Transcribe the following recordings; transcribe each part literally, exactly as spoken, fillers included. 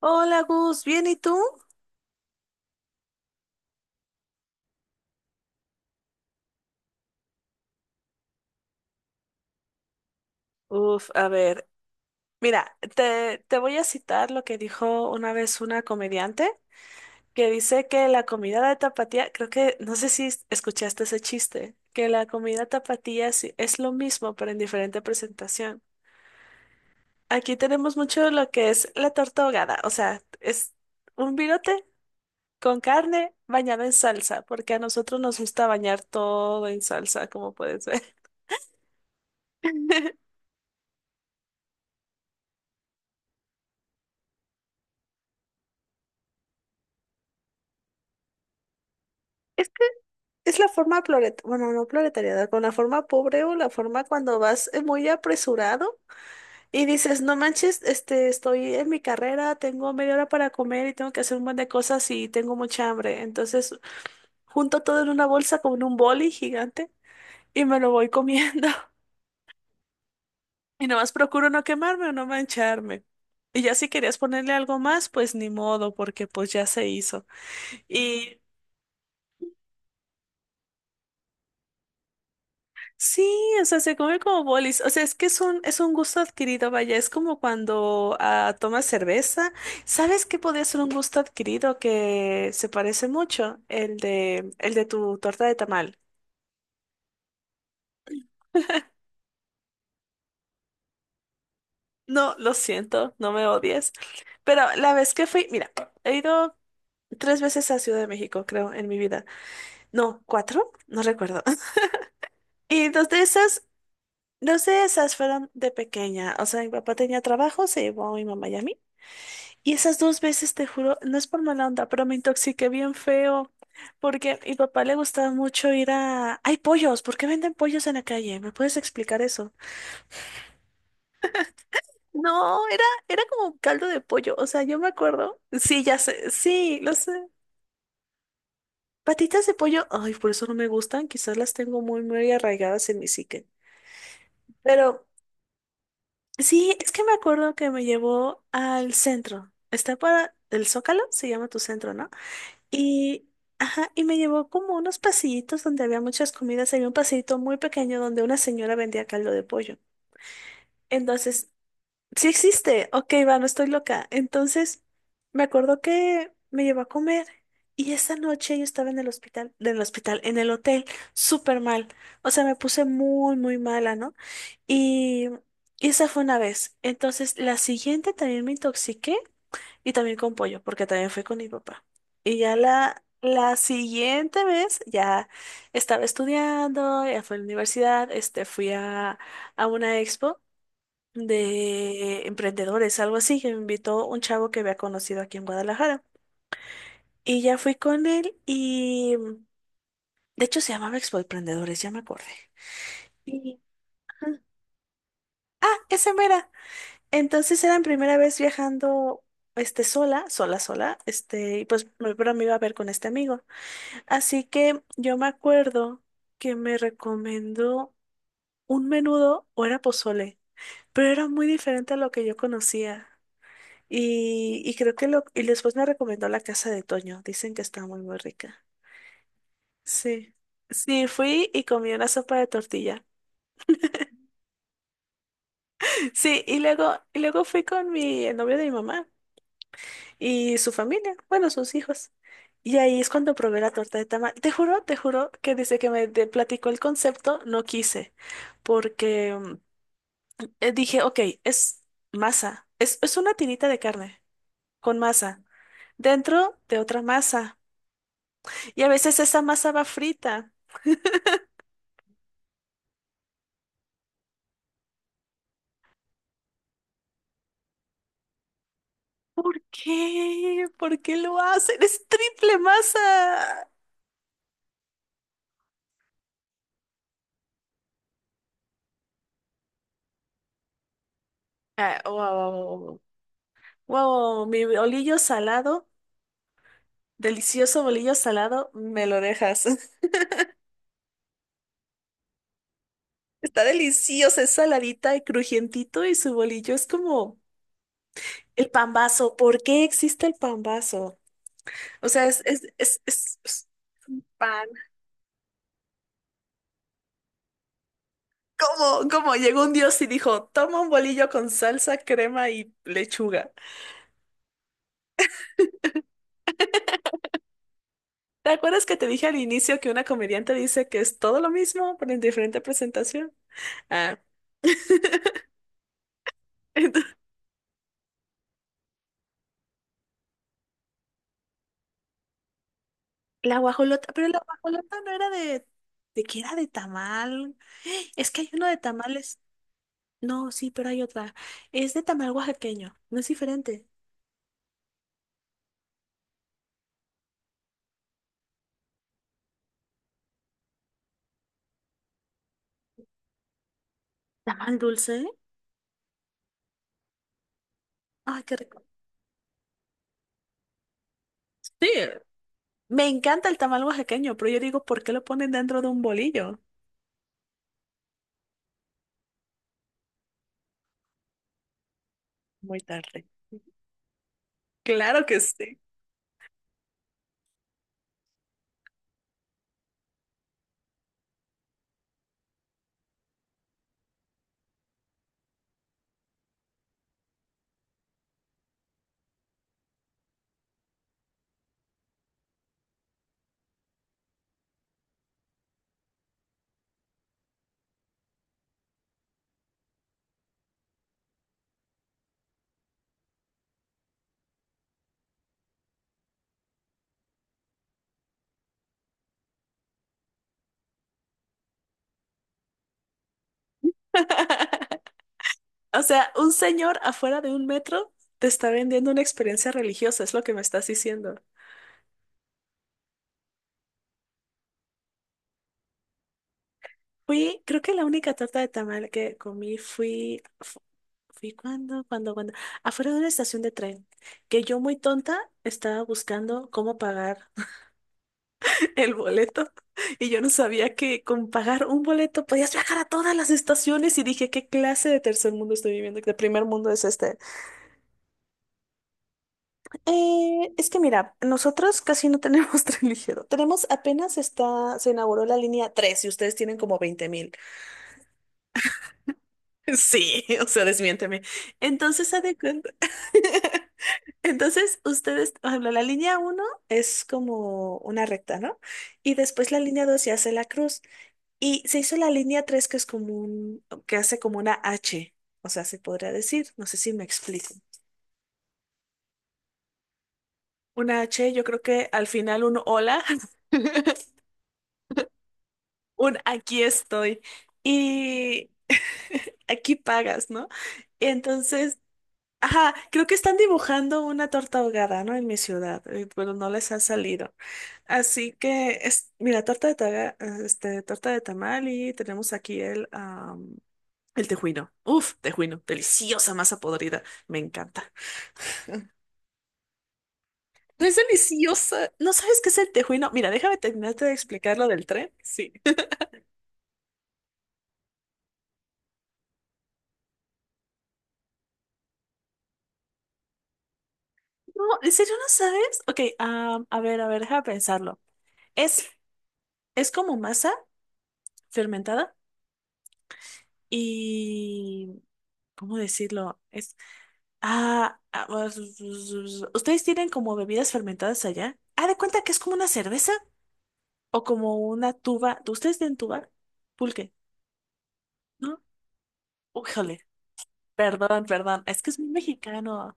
Hola Gus, ¿bien y tú? Uf, a ver, mira, te, te voy a citar lo que dijo una vez una comediante que dice que la comida de tapatía, creo que, no sé si es- escuchaste ese chiste, que la comida tapatía sí- es lo mismo pero en diferente presentación. Aquí tenemos mucho lo que es la torta ahogada, o sea, es un virote con carne bañada en salsa, porque a nosotros nos gusta bañar todo en salsa, como puedes ver. Es la forma prolet, bueno, no proletariada, con la forma pobre o la forma cuando vas eh, muy apresurado y dices, no manches, este, estoy en mi carrera, tengo media hora para comer y tengo que hacer un montón de cosas y tengo mucha hambre. Entonces, junto todo en una bolsa con un boli gigante y me lo voy comiendo. Y nomás procuro no quemarme o no mancharme. Y ya si querías ponerle algo más, pues ni modo, porque pues ya se hizo. Y sí, o sea, se come como bolis. O sea, es que es un, es un gusto adquirido, vaya, es como cuando ah, tomas cerveza. ¿Sabes qué podría ser un gusto adquirido que se parece mucho? El de, el de tu torta de tamal. No, lo siento, no me odies. Pero la vez que fui, mira, he ido tres veces a Ciudad de México, creo, en mi vida. No, cuatro, no recuerdo. Y dos de esas, dos de esas fueron de pequeña. O sea, mi papá tenía trabajo, se llevó a mi mamá y a mí. Y esas dos veces, te juro, no es por mala onda, pero me intoxiqué bien feo. Porque a mi papá le gustaba mucho ir a... Hay pollos, ¿por qué venden pollos en la calle? ¿Me puedes explicar eso? No, era, era como un caldo de pollo, o sea, yo me acuerdo. Sí, ya sé, sí, lo sé. Patitas de pollo, ay, por eso no me gustan, quizás las tengo muy, muy arraigadas en mi psique. Pero sí, es que me acuerdo que me llevó al centro. Está para el Zócalo, se llama tu centro, ¿no? Y, ajá, y me llevó como unos pasillitos donde había muchas comidas. Había un pasillito muy pequeño donde una señora vendía caldo de pollo. Entonces, sí existe. Ok, va, no estoy loca. Entonces, me acuerdo que me llevó a comer. Y esa noche yo estaba en el hospital, en el hospital, en el hotel, súper mal. O sea, me puse muy, muy mala, ¿no? Y, y esa fue una vez. Entonces, la siguiente también me intoxiqué. Y también con pollo, porque también fui con mi papá. Y ya la, la siguiente vez ya estaba estudiando, ya fui a la universidad, este, fui a, a una expo de emprendedores, algo así, que me invitó un chavo que había conocido aquí en Guadalajara. Y ya fui con él y, de hecho, se llamaba Expo Emprendedores, ya me acordé. Y- ajá, esa mera. Entonces era mi primera vez viajando, este, sola, sola, sola, este, y pues mi pero me iba a ver con este amigo. Así que yo me acuerdo que me recomendó un menudo o era pozole, pero era muy diferente a lo que yo conocía. Y, y creo que lo, y después me recomendó la casa de Toño. Dicen que está muy, muy rica. Sí. Sí, fui y comí una sopa de tortilla. Sí, y luego, y luego fui con mi el novio de mi mamá y su familia, bueno, sus hijos. Y ahí es cuando probé la torta de tamal. Te juro, te juro que desde que me de- platicó el concepto, no quise, porque eh, dije, ok, es masa, es, es una tirita de carne con masa, dentro de otra masa. Y a veces esa masa va frita. ¿Por qué? ¿Por qué lo hacen? Es triple masa. Ah, wow, wow, mi bolillo salado, delicioso bolillo salado, me lo dejas. Está delicioso, es saladita y crujientito y su bolillo es como el pambazo. ¿Por qué existe el pambazo? O sea, es, es, es, es, es ¿Cómo, cómo llegó un dios y dijo, toma un bolillo con salsa, crema y lechuga? ¿Te acuerdas que te dije al inicio que una comediante dice que es todo lo mismo, pero en diferente presentación? Ah. Entonces, la guajolota, pero la guajolota no era de. ¿De qué era de tamal? Es que hay uno de tamales. No, sí, pero hay otra. Es de tamal oaxaqueño, no es diferente. ¿Tamal dulce? Ay, qué rico. Sí. Me encanta el tamal oaxaqueño, pero yo digo, ¿por qué lo ponen dentro de un bolillo? Muy tarde. Claro que sí. O sea, un señor afuera de un metro te está vendiendo una experiencia religiosa, es lo que me estás diciendo. Fui, creo que la única torta de tamal que comí fui, fu- fui cuando, cuando, cuando, afuera de una estación de tren, que yo muy tonta estaba buscando cómo pagar el boleto y yo no sabía que con pagar un boleto podías viajar a todas las estaciones y dije, ¿qué clase de tercer mundo estoy viviendo? ¿Qué primer mundo es este? Eh, es que mira, nosotros casi no tenemos tren ligero. Tenemos apenas está, se inauguró la línea tres y ustedes tienen como veinte mil. Sí, o sea, desmiénteme. Entonces, haz de cuenta. Entonces, ustedes, por ejemplo, la línea uno es como una recta, ¿no? Y después la línea dos ya hace la cruz. Y se hizo la línea tres que es como un, que hace como una H. O sea, se podría decir, no sé si me explico. Una H, yo creo que al final un hola. Un aquí estoy. Y aquí pagas, ¿no? Entonces, ajá, creo que están dibujando una torta ahogada, ¿no? En mi ciudad, eh, pero no les ha salido. Así que, es, mira, torta de taga- este, torta de tamal y tenemos aquí el, am, el tejuino. Uf, tejuino, deliciosa masa podrida, me encanta. No es deliciosa, ¿no sabes qué es el tejuino? Mira, déjame terminarte de explicar lo del tren. Sí. No, ¿en serio no sabes? Ok, am, a ver, a ver, deja pensarlo. Es, es como masa fermentada y. ¿Cómo decirlo? Es. Ah, ah, us- us- us- ¿Ustedes tienen como bebidas fermentadas allá? Ah, de cuenta que es como una cerveza o como una tuba. ¿Ustedes tienen tuba? Pulque, ¿no? Újale, perdón, perdón, es que es muy mexicano.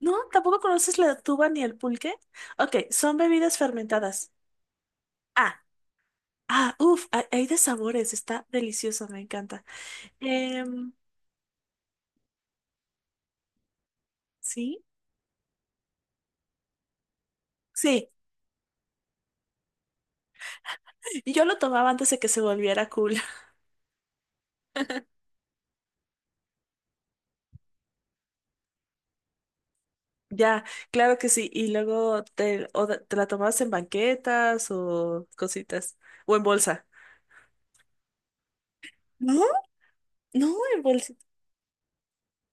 No, tampoco conoces la tuba ni el pulque. Ok, son bebidas fermentadas. Ah. Ah, uff, hay hay de sabores, está delicioso, me encanta. Em, ¿Sí? Sí, yo lo tomaba antes de que se volviera cool. Ya, claro que sí. Y luego te, o de- te la tomabas en banquetas o cositas, o en bolsa. No, no, en bolsita.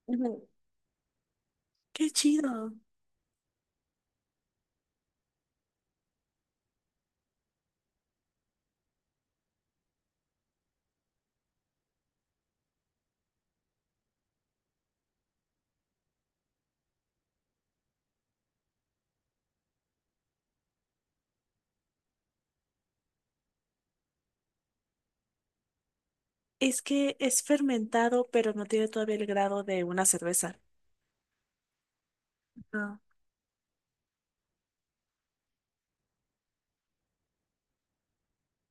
Ujú. Qué chido. Es que es fermentado, pero no tiene todavía el grado de una cerveza. No.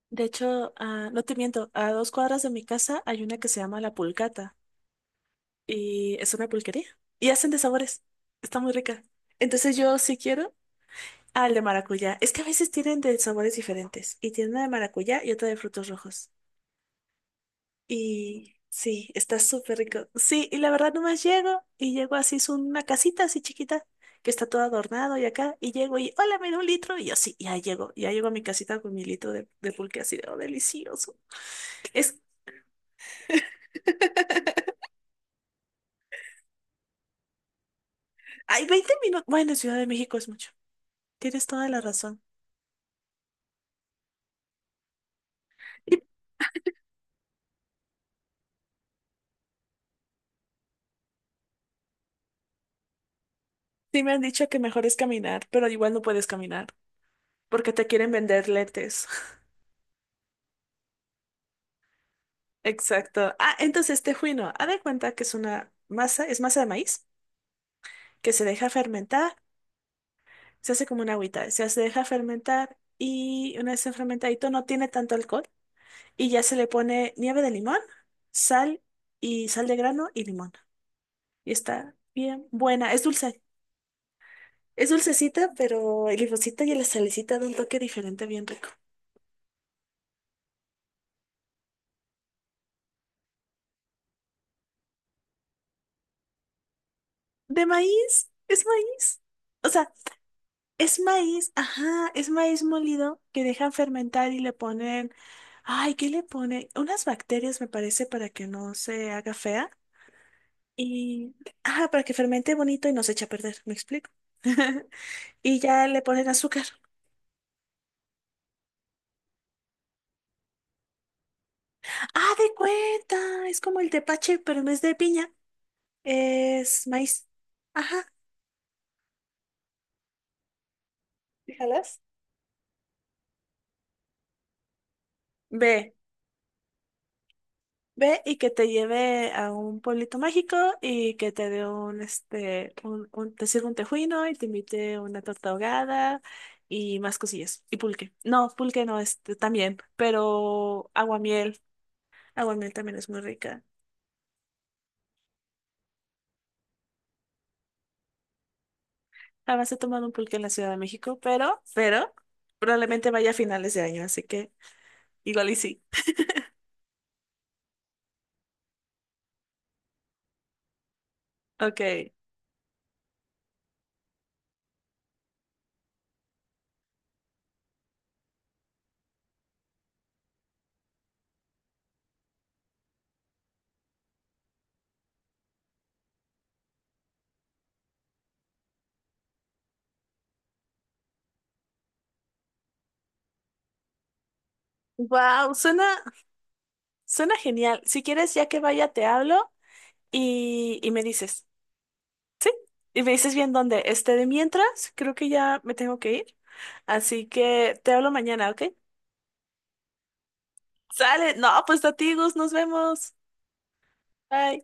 De hecho, ah, no te miento, a dos cuadras de mi casa hay una que se llama La Pulcata. Y es una pulquería. Y hacen de sabores. Está muy rica. Entonces yo sí quiero al de maracuyá. Es que a veces tienen de sabores diferentes. Y tienen una de maracuyá y otra de frutos rojos. Y sí, está súper rico. Sí, y la verdad nomás llego y llego así, es una casita así chiquita que está todo adornado y acá. Y llego y, hola, me da un litro. Y yo sí, ya llego. Ya llego a mi casita con mi litro de, de pulque así de, "Oh, delicioso. Es, Hay veinte minutos. Bueno, en Ciudad de México es mucho. Tienes toda la razón. Sí me han dicho que mejor es caminar, pero igual no puedes caminar porque te quieren vender lentes. Exacto. Ah, entonces este juino, haz de cuenta que es una masa, es masa de maíz que se deja fermentar, se hace como una agüita, se hace- deja fermentar y una vez se fermentadito no tiene tanto alcohol y ya se le pone nieve de limón, sal y sal de grano y limón. Y está bien buena, es dulce. Es dulcecita, pero el limoncito y la salecita da un toque diferente bien rico. ¿De maíz? ¿Es maíz? O sea, es maíz, ajá, es maíz molido que dejan fermentar y le ponen, ay, ¿qué le ponen? Unas bacterias, me parece, para que no se haga fea. Y, ajá, para que fermente bonito y no se eche a perder, ¿me explico? Y ya le ponen azúcar. Ah, de cuenta, es como el tepache, pero en vez de piña, es maíz. Ajá. ¿Jalas? Ve. Ve y que te lleve a un pueblito mágico y que te dé un, este, un, un- te sirva un tejuino y te invite una torta ahogada y más cosillas. Y pulque. No, pulque no, este, también, pero aguamiel. Aguamiel también es muy rica. Jamás he tomado un pulque en la Ciudad de México, pero, pero, probablemente vaya a finales de año, así que igual y sí. Ok. Wow, suena, suena genial. Si quieres, ya que vaya, te hablo y, y me dices. Y me dices bien dónde. Este, de mientras, creo que ya me tengo que ir. Así que te hablo mañana, ¿ok? Sale. No, pues a ti, Gus, nos vemos. Bye.